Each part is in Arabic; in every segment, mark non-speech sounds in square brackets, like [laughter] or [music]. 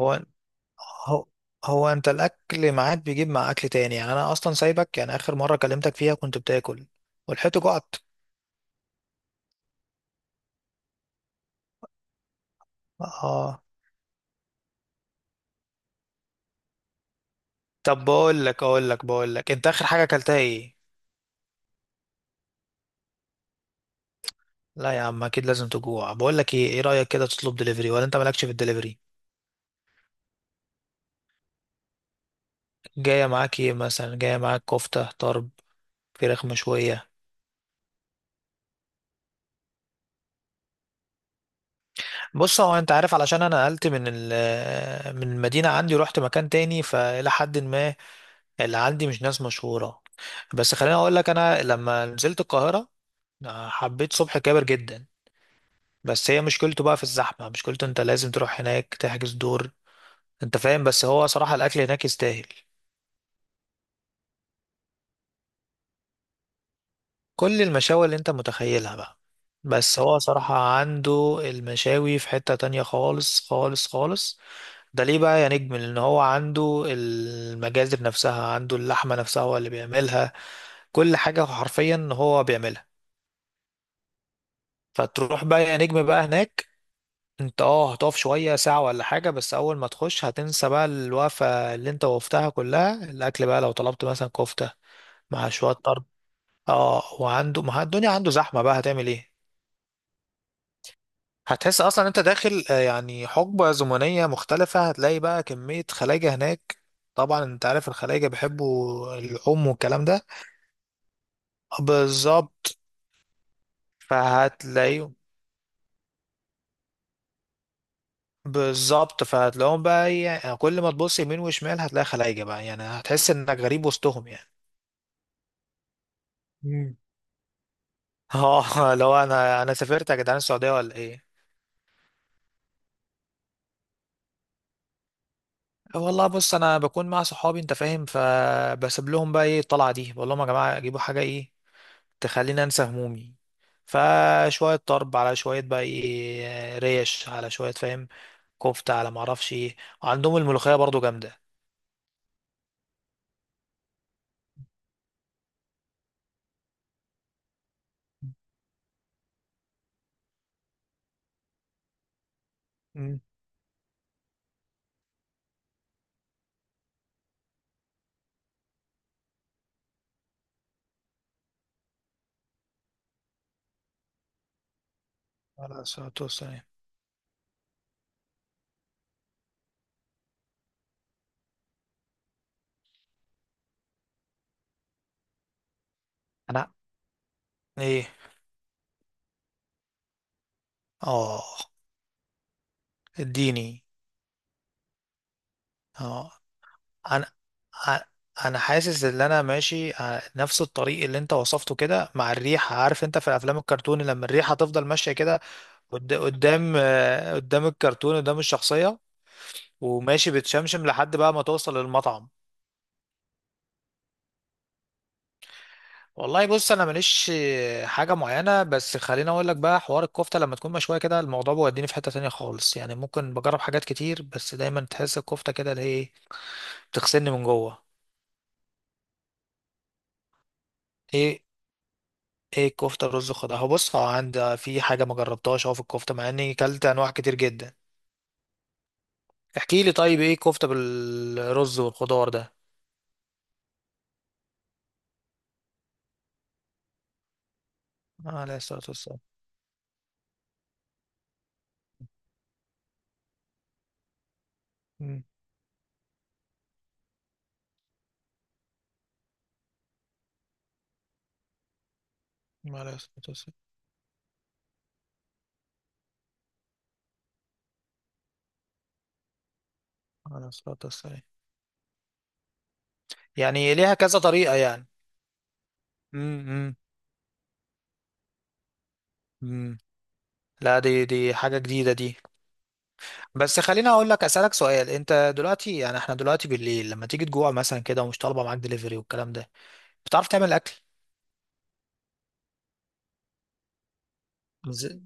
هو هو هو انت الاكل معاك بيجيب مع اكل تاني، يعني انا اصلا سايبك. يعني اخر مره كلمتك فيها كنت بتاكل ولحقت جعت. اه، طب بقول لك انت اخر حاجه اكلتها ايه؟ لا يا عم اكيد لازم تجوع. بقول لك ايه، ايه رايك كده تطلب دليفري، ولا انت مالكش في الدليفري؟ جايه معاك ايه مثلا؟ جايه معاك كفته طرب، فراخ مشويه. بص، هو انت عارف علشان انا نقلت من من المدينه عندي ورحت مكان تاني، فالى حد ما اللي عندي مش ناس مشهورة. بس خليني اقول لك، انا لما نزلت القاهرة حبيت صبح كابر جدا. بس هي مشكلته بقى في الزحمة، مشكلته انت لازم تروح هناك تحجز دور، انت فاهم؟ بس هو صراحة الاكل هناك يستاهل. كل المشاوي اللي انت متخيلها بقى. بس هو صراحة عنده المشاوي في حتة تانية خالص خالص خالص. ده ليه بقى يا نجم؟ لان هو عنده المجازر نفسها، عنده اللحمة نفسها هو اللي بيعملها، كل حاجة حرفيا هو بيعملها. فتروح بقى يا نجم بقى هناك، انت اه هتقف شوية ساعة ولا حاجة، بس أول ما تخش هتنسى بقى الوقفة اللي انت وقفتها كلها. الأكل بقى لو طلبت مثلا كفتة مع شوية طرب، اه، وعنده ما الدنيا عنده زحمة بقى، هتعمل ايه؟ هتحس أصلا انت داخل يعني حقبة زمنية مختلفة. هتلاقي بقى كمية خلايجة هناك، طبعا انت عارف الخلايجة بيحبوا اللحوم والكلام ده. بالظبط فهتلاقيهم. بالظبط فهتلاقيهم بقى ايه، يعني كل ما تبص يمين وشمال هتلاقي خلايجة بقى، يعني هتحس انك غريب وسطهم. يعني اه [laughs] لو انا سافرت يا جدعان السعوديه ولا ايه؟ آه والله بص، انا بكون مع صحابي انت فاهم، فبسيب لهم بقى ايه الطلعه دي، بقول لهم يا جماعه جيبوا حاجه ايه تخليني انسى همومي. فشويه طرب على شويه بقى ايه ريش، على شويه فاهم، كفته، على ما اعرفش ايه. وعندهم الملوخيه برضو جامده. امم. على الصلاه والسلام. انا. ايه. اه. اديني. اه. انا ع- انا حاسس ان انا ماشي نفس الطريق اللي انت وصفته كده مع الريحه. عارف انت في افلام الكرتون لما الريحه تفضل ماشيه كده قدام قدام الكرتون، قدام الشخصيه، وماشي بتشمشم لحد بقى ما توصل للمطعم. والله بص، انا ماليش حاجه معينه، بس خليني اقول لك بقى حوار الكفته لما تكون مشويه كده الموضوع بيوديني في حته تانية خالص. يعني ممكن بجرب حاجات كتير، بس دايما تحس الكفته كده اللي هي إيه، بتغسلني من جوه. ايه؟ ايه الكفته الرز خضار؟ هو بص هو عندي في حاجه ما جربتهاش اهو في الكفته، مع اني كلت انواع كتير جدا. احكي لي طيب ايه الكفته بالرز والخضار ده؟ عليه الصلاه والسلام. امم. عليه الصلاه والسلام. عليه الصلاه والسلام. يعني ليها كذا طريقه يعني. امم. امم. لا، دي حاجه جديده دي. بس خليني اقول لك، اسالك سؤال، انت دلوقتي يعني احنا دلوقتي بالليل لما تيجي تجوع مثلا كده، ومش طالبه معاك دليفري والكلام ده، بتعرف تعمل اكل؟ ز-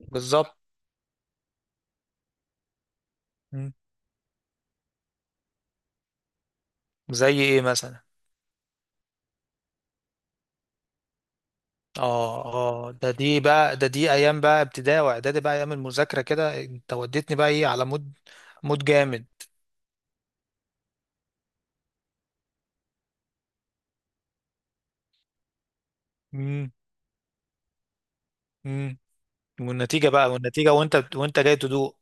بالظبط. مم. زي ايه مثلا؟ اه اه، ده دي ايام بقى ابتدائي واعدادي بقى، ايام المذاكره كده. انت وديتني بقى ايه على مود، مود جامد. امم. امم. والنتيجه بقى، والنتيجه وانت جاي تدوق.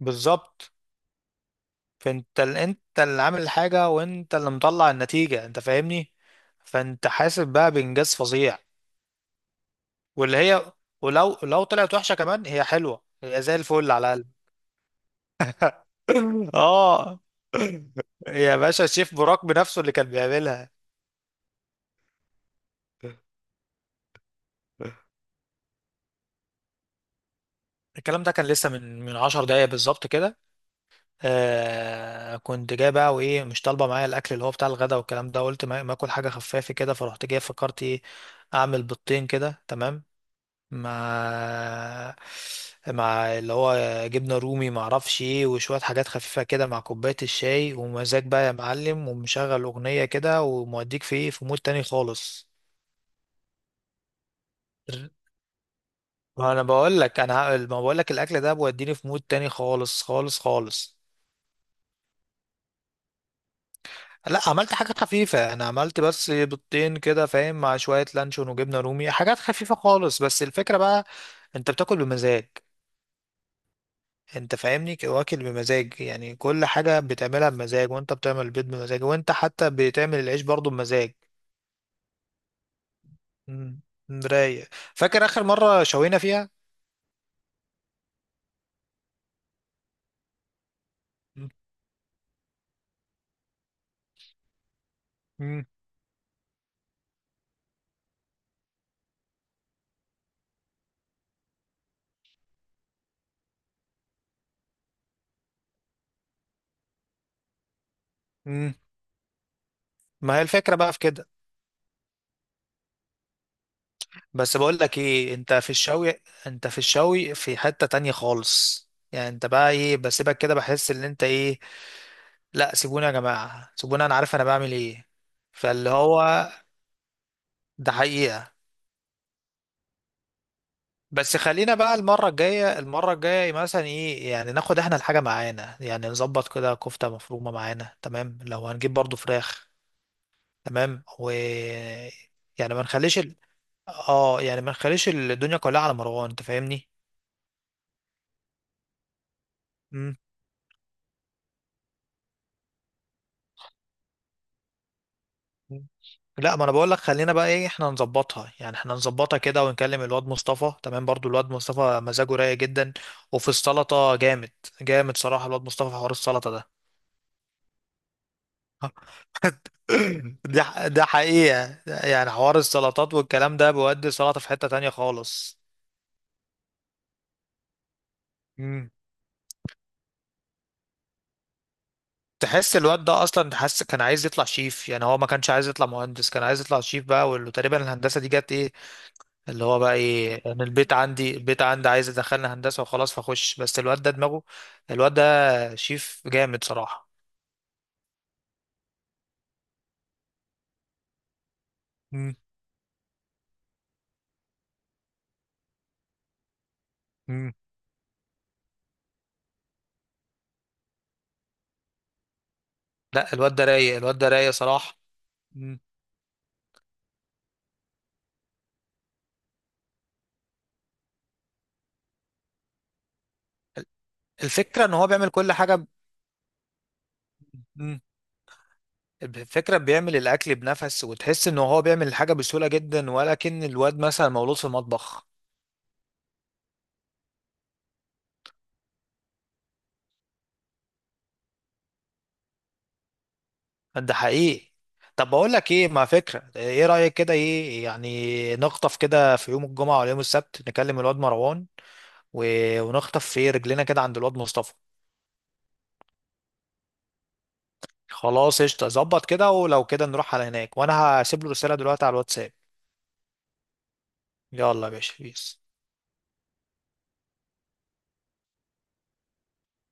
بالظبط، انت اللي عامل الحاجه وانت اللي مطلع النتيجه، انت فاهمني؟ فانت حاسب بقى بانجاز فظيع. واللي هي، ولو طلعت وحشه كمان هي حلوه، هي زي الفل على الاقل. [laughs] اه. يا باشا الشيف براك بنفسه اللي كان بيعملها. [laughs] الكلام ده كان لسه من 10 دقايق بالظبط كده. آه كنت جاي بقى، وايه مش طالبه معايا الاكل اللي هو بتاع الغدا والكلام ده. قلت ما اكل حاجه خفافه كده، فرحت جاي فكرت ايه؟ اعمل بيضتين كده تمام، مع مع اللي هو جبنه رومي ما اعرفش ايه، وشويه حاجات خفيفه كده، مع كوبايه الشاي، ومزاج بقى يا معلم، ومشغل اغنيه كده، وموديك في ايه في مود تاني خالص. ما انا بقول لك، انا ما بقول لك الاكل ده بيوديني في مود تاني خالص خالص خالص. لا عملت حاجات خفيفة، أنا عملت بس بيضتين كده فاهم، مع شوية لانشون وجبنة رومي، حاجات خفيفة خالص، بس الفكرة بقى أنت بتاكل بمزاج. أنت فاهمني؟ واكل بمزاج، يعني كل حاجة بتعملها بمزاج، وأنت بتعمل البيض بمزاج، وأنت حتى بتعمل العيش برضو بمزاج. مم، رايق. فاكر آخر مرة شوينا فيها؟ مم، مم، مم. ما هي الفكرة بقى في كده. بس بقول لك إيه، أنت في الشوي، أنت في الشوي في حتة تانية خالص. يعني انت بقى ايه بسيبك كده، بحس ان انت ايه، لا سيبوني يا جماعة، سيبوني انا عارف انا بعمل ايه. فاللي هو، ده حقيقة. بس خلينا بقى المرة الجاية، المرة الجاية مثلا ايه، يعني ناخد احنا الحاجة معانا، يعني نظبط كده كفتة مفرومة معانا تمام، لو هنجيب برضو فراخ تمام. و، يعني ما نخليش ال... اه يعني ما نخليش الدنيا كلها على مروان انت فاهمني؟ مم. لا ما انا بقول لك، خلينا بقى ايه احنا نظبطها، يعني احنا نظبطها كده، ونكلم الواد مصطفى تمام. برضو الواد مصطفى مزاجه رايق جدا، وفي السلطة جامد، جامد صراحة الواد مصطفى في حوار السلطة ده. [laughs] ده حقيقة، يعني حوار السلطات والكلام ده بيودي السلطة في حتة تانية خالص. مم. تحس الواد ده اصلا، تحس كان عايز يطلع شيف، يعني هو ما كانش عايز يطلع مهندس، كان عايز يطلع شيف بقى، وتقريبا الهندسة دي جت ايه اللي هو بقى ايه، انا البيت عندي، البيت عندي عايز يدخلنا هندسه وخلاص فاخش، بس الواد ده دماغه، الواد ده شيف جامد صراحه. مم. مم. لا الواد ده رايق، الواد ده رايق صراحه. مم. الفكره ان هو بيعمل كل حاجه مم. الفكره بيعمل الاكل بنفس، وتحس ان هو بيعمل الحاجه بسهوله جدا، ولكن الواد مثلا مولود في المطبخ. ده حقيقي. طب بقول لك ايه، ما فكره ايه رايك كده ايه، يعني نخطف كده في يوم الجمعه ولا يوم السبت، نكلم الواد مروان، ونخطف في رجلنا كده عند الواد مصطفى. خلاص قشطة، ظبط كده، ولو كده نروح على هناك، وانا هسيب له رسالة دلوقتي على الواتساب. يلا يا باشا، بيس.